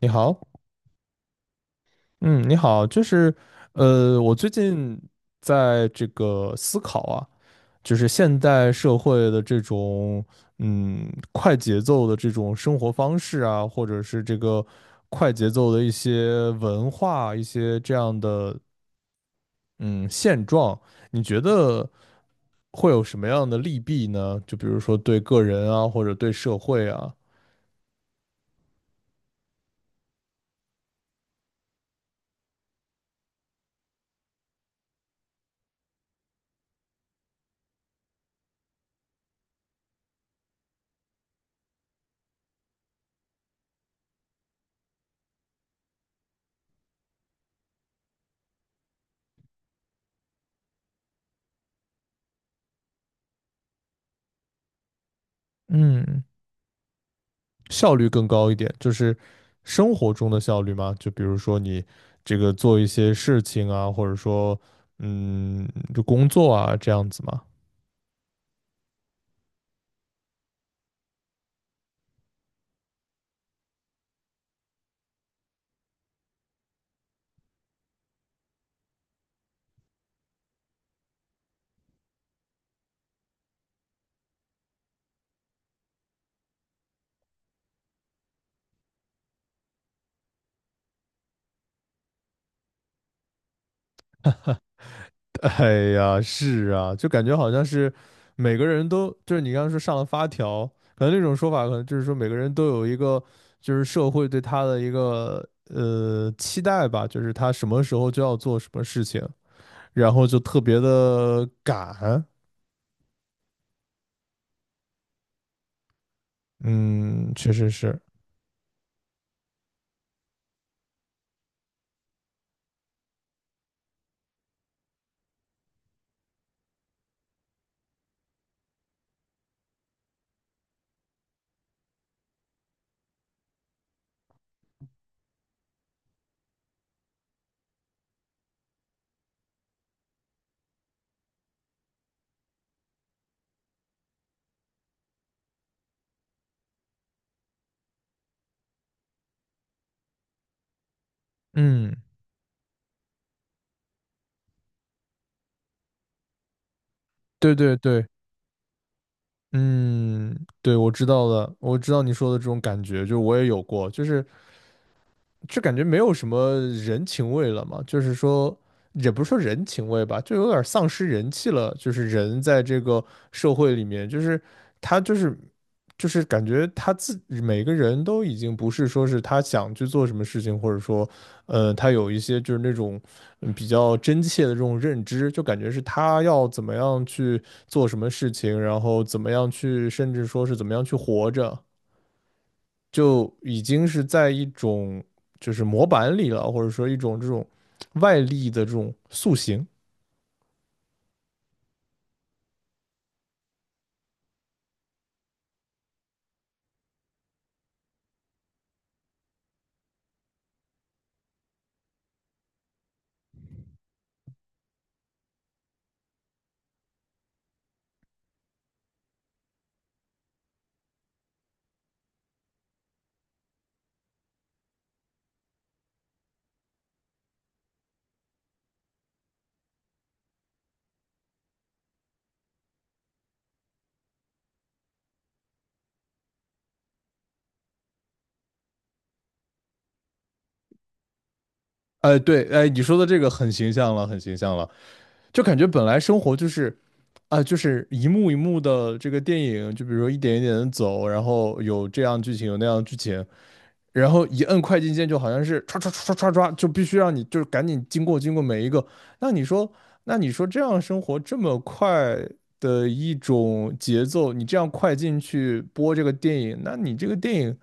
你好，嗯，你好，就是，我最近在这个思考啊，就是现代社会的这种，快节奏的这种生活方式啊，或者是这个快节奏的一些文化，一些这样的，嗯，现状，你觉得会有什么样的利弊呢？就比如说对个人啊，或者对社会啊。嗯。效率更高一点，就是生活中的效率嘛。就比如说你这个做一些事情啊，或者说嗯，就工作啊这样子嘛。哎呀，是啊，就感觉好像是每个人都就是你刚刚说上了发条，可能那种说法可能就是说每个人都有一个就是社会对他的一个期待吧，就是他什么时候就要做什么事情，然后就特别的赶。嗯，确实是。嗯，对对对。嗯，对，我知道的，我知道你说的这种感觉，就是我也有过，就是，就感觉没有什么人情味了嘛，就是说，也不是说人情味吧，就有点丧失人气了。就是人在这个社会里面，就是他就是感觉每个人都已经不是说是他想去做什么事情，或者说，他有一些就是那种比较真切的这种认知，就感觉是他要怎么样去做什么事情，然后怎么样去，甚至说是怎么样去活着。就已经是在一种就是模板里了，或者说一种这种外力的这种塑形。哎，对，哎，你说的这个很形象了，很形象了，就感觉本来生活就是。啊，就是一幕一幕的这个电影，就比如说一点一点的走，然后有这样剧情，有那样剧情，然后一摁快进键就好像是唰唰唰唰唰唰，就必须让你就是赶紧经过每一个。那你说，那你说这样生活这么快的一种节奏，你这样快进去播这个电影，那你这个电影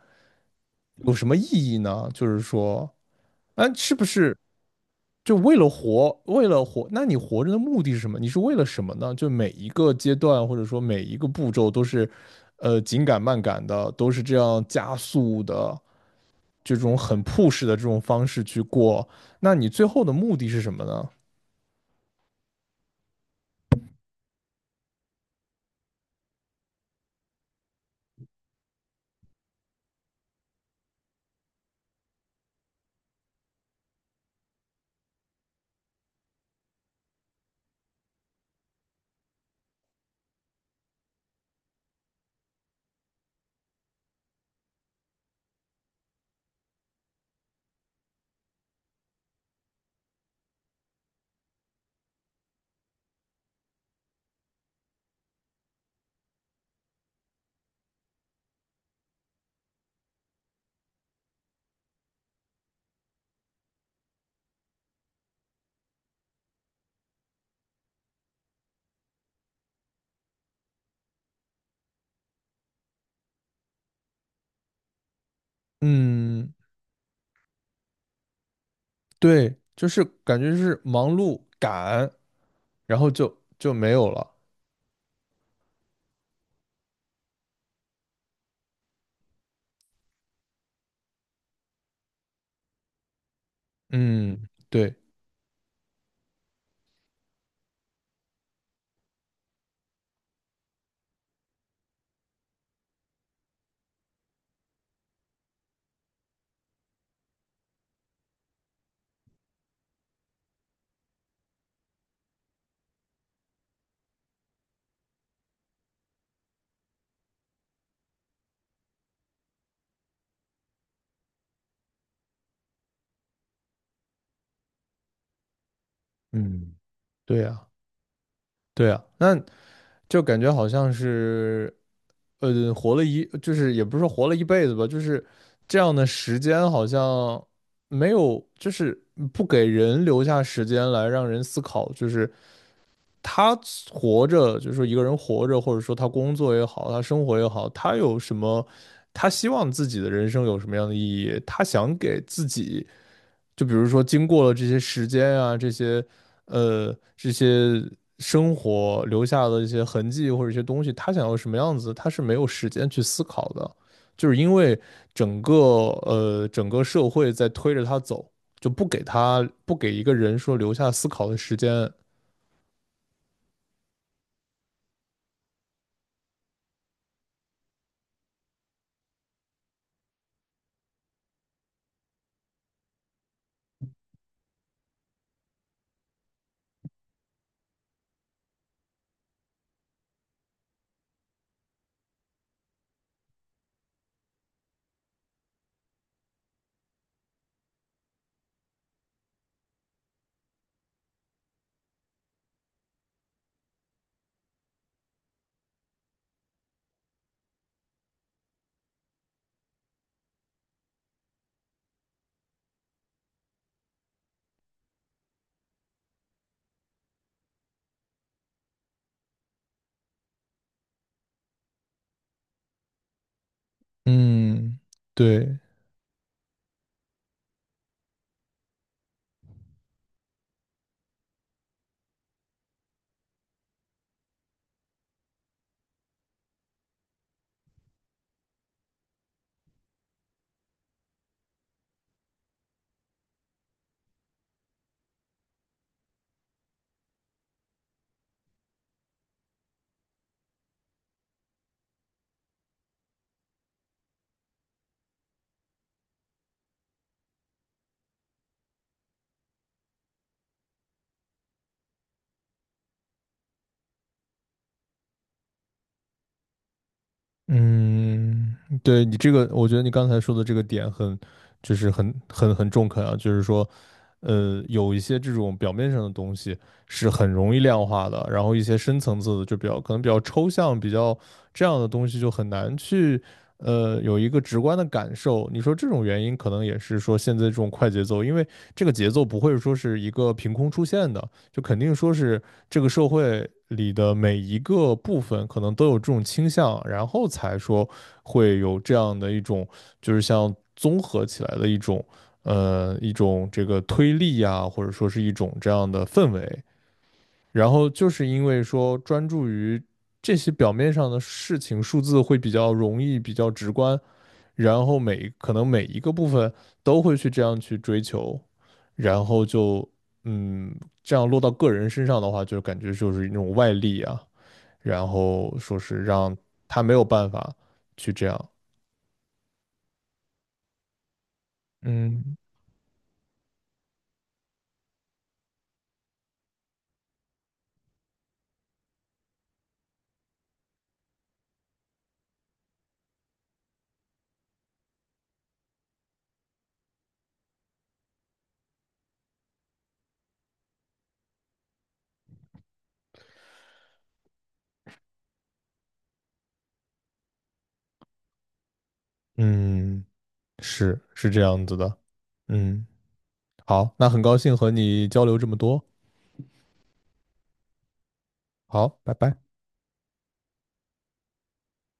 有什么意义呢？就是说，啊，是不是就为了活，为了活？那你活着的目的是什么？你是为了什么呢？就每一个阶段或者说每一个步骤都是，紧赶慢赶的，都是这样加速的。这种很 push 的这种方式去过，那你最后的目的是什么呢？嗯，对，就是感觉是忙碌赶，然后就没有了。嗯，对，嗯，对呀，对呀，那就感觉好像是，呃，活了一，就是也不是说活了一辈子吧，就是这样的时间好像没有，就是不给人留下时间来让人思考，就是他活着，就是说一个人活着，或者说他工作也好，他生活也好，他有什么，他希望自己的人生有什么样的意义？他想给自己，就比如说经过了这些时间啊，这些生活留下的一些痕迹或者一些东西，他想要什么样子，他是没有时间去思考的，就是因为整个整个社会在推着他走，就不给一个人说留下思考的时间。嗯，对，嗯，对你这个，我觉得你刚才说的这个点就是很中肯啊，就是说，有一些这种表面上的东西是很容易量化的，然后一些深层次的就比较可能比较抽象，比较这样的东西就很难去，有一个直观的感受。你说这种原因可能也是说现在这种快节奏，因为这个节奏不会说是一个凭空出现的。就肯定说是这个社会里的每一个部分可能都有这种倾向，然后才说会有这样的一种，就是像综合起来的一种，一种这个推力呀，或者说是一种这样的氛围。然后就是因为说专注于这些表面上的事情，数字会比较容易，比较直观，然后可能每一个部分都会去这样去追求，然后就嗯，这样落到个人身上的话，就感觉就是一种外力啊，然后说是让他没有办法去这样，嗯嗯，是是这样子的，嗯，好，那很高兴和你交流这么多，好，拜拜。